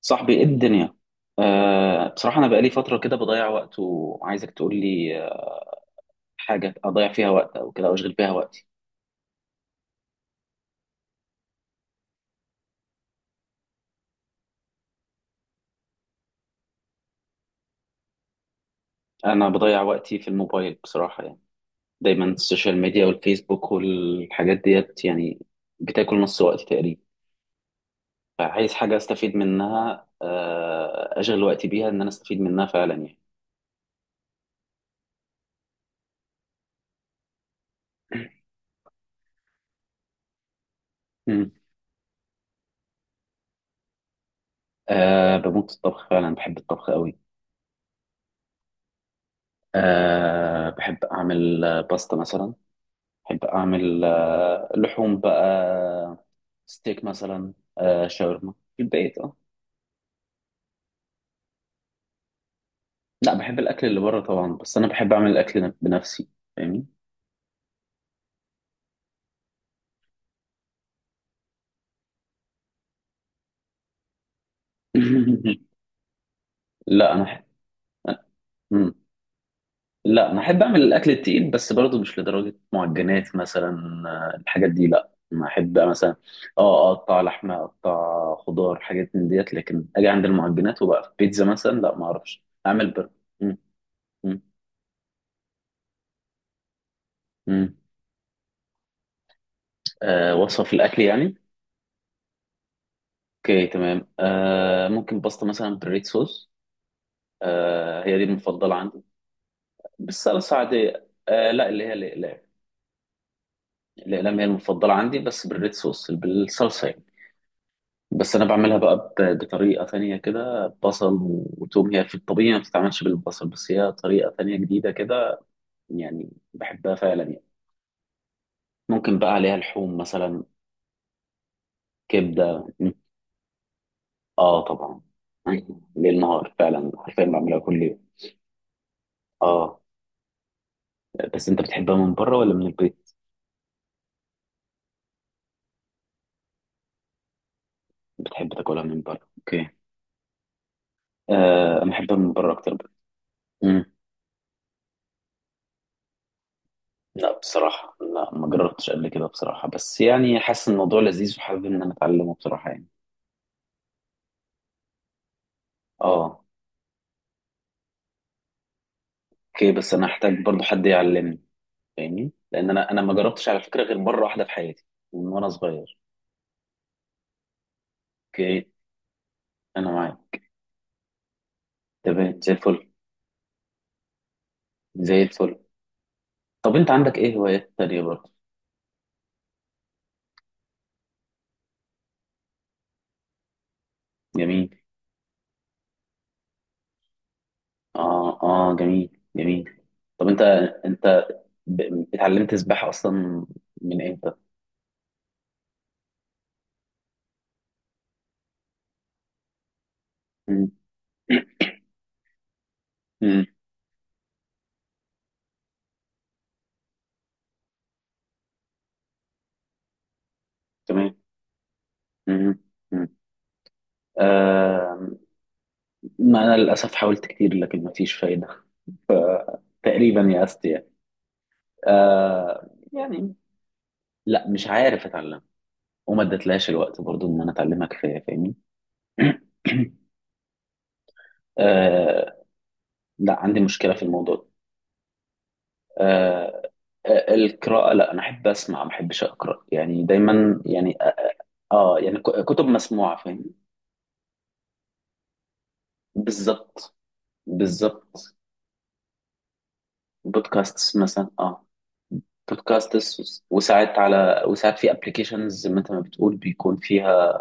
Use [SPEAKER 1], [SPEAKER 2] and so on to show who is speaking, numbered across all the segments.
[SPEAKER 1] صاحبي، ايه الدنيا؟ بصراحة أنا بقالي فترة كده بضيع وقت وعايزك تقول لي حاجة أضيع فيها وقت أو كده أو أشغل بيها وقتي. أنا بضيع وقتي في الموبايل بصراحة، يعني دايما السوشيال ميديا والفيسبوك والحاجات ديت، يعني بتاكل نص وقتي تقريبا. فعايز حاجة أستفيد منها، أشغل وقتي بيها إن أنا أستفيد منها فعلا يعني. مم. أه، بموت في الطبخ فعلا، بحب الطبخ قوي. أه، بحب أعمل باستا مثلا. أحب أعمل لحوم بقى. ستيك مثلا. آه، شاورما في البيت، اه. لا، بحب الأكل اللي بره طبعا، بس أنا بحب أعمل الأكل بنفسي، فاهمني؟ لا، أنا أحب. مم. لا، أنا أحب أعمل الأكل التقيل، بس برضه مش لدرجة معجنات مثلا. الحاجات دي لا، أنا أحب مثلا اه أقطع لحمة، أقطع خضار، حاجات من ديت. لكن أجي عند المعجنات وبقى بيتزا مثلا، لا ما أعرفش أعمل بر. مم. مم. مم. آه، وصفة في الأكل يعني. اوكي، تمام. ممكن باستا مثلا بالريد صوص. هي دي المفضله عندي. بالصلصه عاديه، لا اللي هي الاقلام. الاقلام هي المفضله عندي، بس بالريد صوص، بالصلصه يعني. بس انا بعملها بقى بطريقه تانية كده، بصل وتوم. هي في الطبيعي ما بتتعملش بالبصل، بس هي طريقه تانية جديده كده، يعني بحبها فعلا يعني. ممكن بقى عليها لحوم مثلا. كبده. اه، طبعا. ليل نهار، فعلا حرفيا بعملها كل يوم. اه، بس انت بتحبها من بره ولا من البيت؟ بتحب تاكلها من بره، اوكي. آه، انا بحبها من بره اكتر. امم. لا بصراحه، لا، ما جربتش قبل كده بصراحه، بس يعني حاسس إن الموضوع لذيذ، وحابب ان انا اتعلمه بصراحه يعني. اه. اوكي، بس انا هحتاج برضو حد يعلمني، فاهمني؟ لان انا ما جربتش على فكره غير مره واحده في حياتي، من وانا صغير. اوكي. انا معاك. تمام، زي الفل. زي الفل. طب انت عندك ايه هوايات تانية برضه؟ جميل، اه، اه، جميل، جميل. طب انت اتعلمت سباحه اصلا من امتى؟ مم. تمام. مم. مم. آه. ما أنا للأسف حاولت كتير، لكن ما فيش فايدة. تقريبا يأست يعني. آه، يعني لا، مش عارف أتعلم، وما ادتلهاش الوقت برضو إن أنا أتعلمها كفاية، فاهمني؟ آه. لا، عندي مشكلة في الموضوع ده. آه. القراءة لا، أنا أحب أسمع، ما أحبش أقرأ يعني، دايما يعني يعني كتب مسموعة، فاهم؟ بالظبط، بالظبط. بودكاست مثلا، اه. بودكاست، وساعات على وساعات في ابلكيشنز زي ما انت ما بتقول، بيكون فيها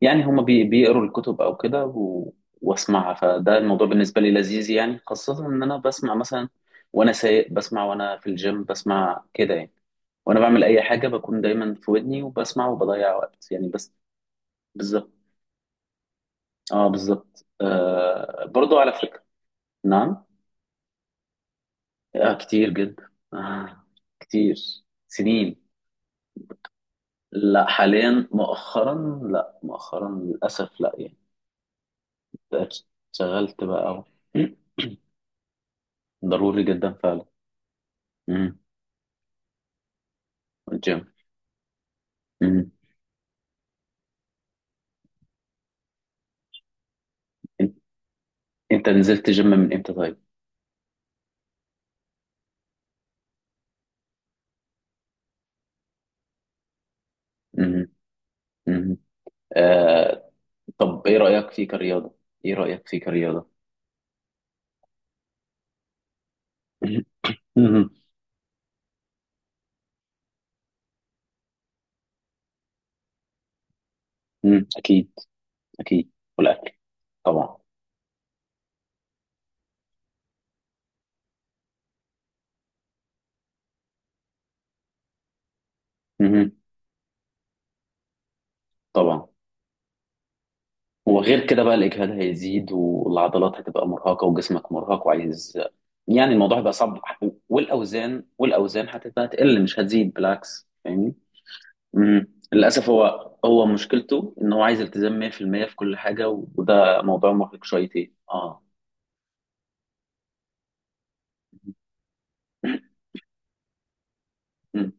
[SPEAKER 1] يعني، هما بيقروا الكتب او كده واسمعها، فده الموضوع بالنسبه لي لذيذ يعني، خاصه ان انا بسمع مثلا وانا سايق، بسمع وانا في الجيم، بسمع كده يعني. وانا بعمل اي حاجه بكون دايما في ودني وبسمع، وبضيع وقت يعني بس. بالظبط. اه، بالظبط، برضو على فكره. نعم. آه، كتير جدا. كتير، سنين. لا، حاليا مؤخرا، لا، مؤخرا للأسف، لا يعني. بقيت شغلت بقى ضروري جدا فعلا. امم. الجيم. امم. انت نزلت جيم من امتى طيب؟ امم. امم. آه، طب ايه رأيك فيه كرياضة؟ ايه رأيك فيه كرياضة؟ امم. امم. أمم، اكيد. اكيد. والاكل طبعا. امم، طبعا. وغير كده بقى الإجهاد هيزيد، والعضلات هتبقى مرهقة، وجسمك مرهق وعايز، يعني الموضوع هيبقى صعب. والأوزان هتبقى تقل مش هتزيد، بالعكس، فاهمني؟ للأسف هو، هو مشكلته إن هو عايز التزام 100% في المية في كل حاجة، وده موضوع مرهق شويتين اه مم.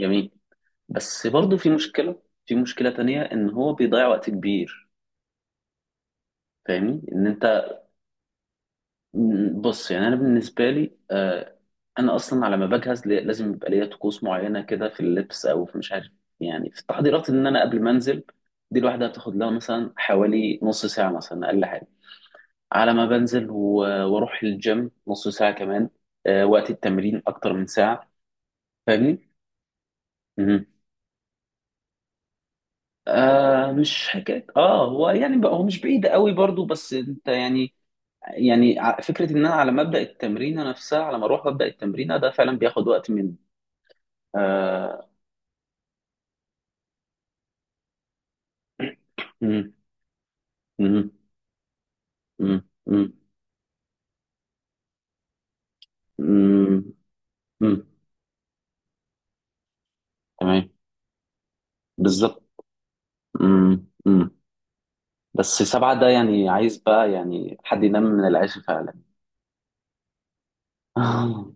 [SPEAKER 1] جميل. بس برضه في مشكلة تانية، إن هو بيضيع وقت كبير، فاهمني؟ إن بص، يعني انا بالنسبه لي، انا اصلا على ما بجهز لازم يبقى ليا طقوس معينه كده، في اللبس او في مش عارف، يعني في التحضيرات، ان انا قبل ما انزل دي لوحدها بتاخد لها مثلا حوالي نص ساعه مثلا، اقل حاجه، على ما بنزل. واروح الجيم نص ساعه كمان. وقت التمرين اكتر من ساعه، فاهمني؟ مهم. مش حكايه، هو يعني بقى هو مش بعيد قوي برضو، بس انت يعني، يعني فكره ان انا على ما ابدا التمرين نفسها، على ما اروح ابدا التمرين، ده فعلا بياخد وقت من. آه. مم. مم. مم. مم. مم. مم. تمام. بالظبط. مم. مم. بس سبعة ده يعني عايز بقى يعني حد ينام من العيش فعلا. آه.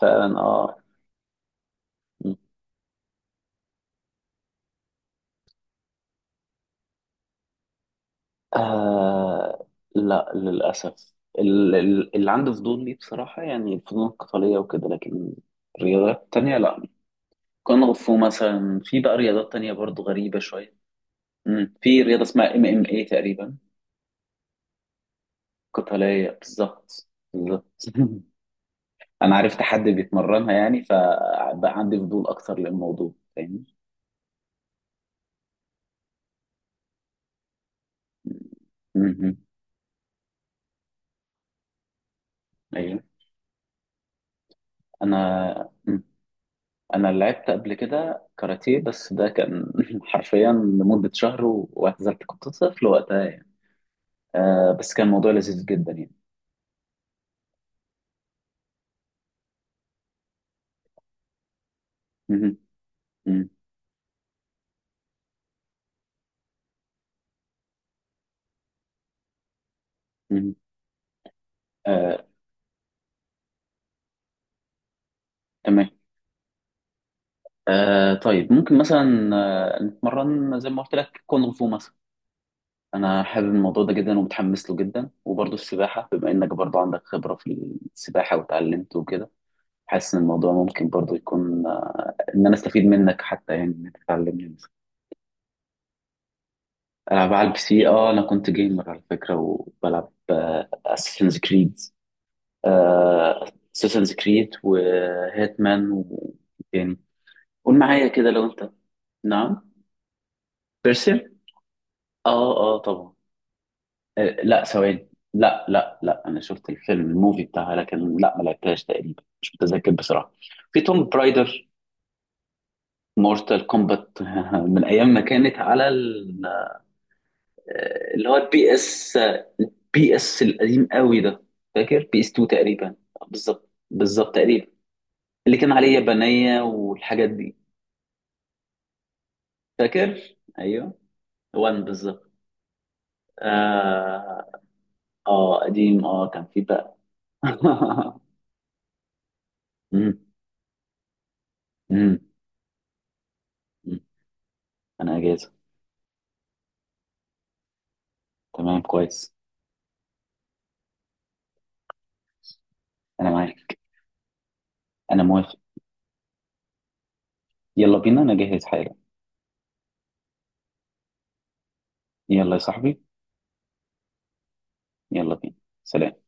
[SPEAKER 1] فعلا، اه. مم. آه، لا للأسف، اللي عنده فضول ليه بصراحة، يعني الفنون القتالية وكده، لكن الرياضات التانية لا. كونغ فو مثلا، في بقى رياضات تانية برضو غريبة شوية. مم. في رياضة اسمها ام ام اي تقريبا. قتالية، بالظبط. بالظبط. أنا عرفت حد بيتمرنها يعني، فبقى عندي فضول أكتر للموضوع، فاهمني؟ مهم. أيوه. أنا مم. أنا لعبت قبل كده كاراتيه، بس ده كان حرفيا لمدة شهر واعتزلت، كنت طفل وقتها يعني. آه، بس كان موضوع لذيذ جدا يعني. مهم. مم. مم. آه. تمام. طيب ممكن مثلا نتمرن زي ما قلت لك، كونغ فو مثلا. انا حابب الموضوع ده جدا، ومتحمس له جدا. وبرضه السباحه، بما انك برضه عندك خبره في السباحه، وتعلمت وكده، حاسس ان الموضوع ممكن برضه يكون ان انا استفيد منك حتى يعني، ان انت تعلمني. العب على البي سي، اه، انا كنت جيمر على فكره، وبلعب اساسنز كريد. اساسنز كريد وهيتمان وتاني. قول معايا كده لو انت. نعم. بيرسيا، اه، اه، طبعا. لا ثواني. لا، لا، لا، انا شفت الفيلم، الموفي بتاعها، لكن لا، ما لعبتهاش تقريبا، مش متذكر بصراحه. في توم برايدر. مورتال كومبات، من ايام ما كانت على اللي هو البي اس. بي اس القديم قوي ده. فاكر بي اس 2 تقريبا. بالظبط، بالظبط تقريبا. اللي كان عليه يابانيه والحاجات دي. فاكر. ايوه. وان، بالظبط. اه. اه، قديم، كان في بقى. مم. مم. مم. انا اجازه. تمام، كويس. انا معاك. انا موافق. يلا بينا، انا جاهز حالا. يلا يا صاحبي. يلا بينا، سلام.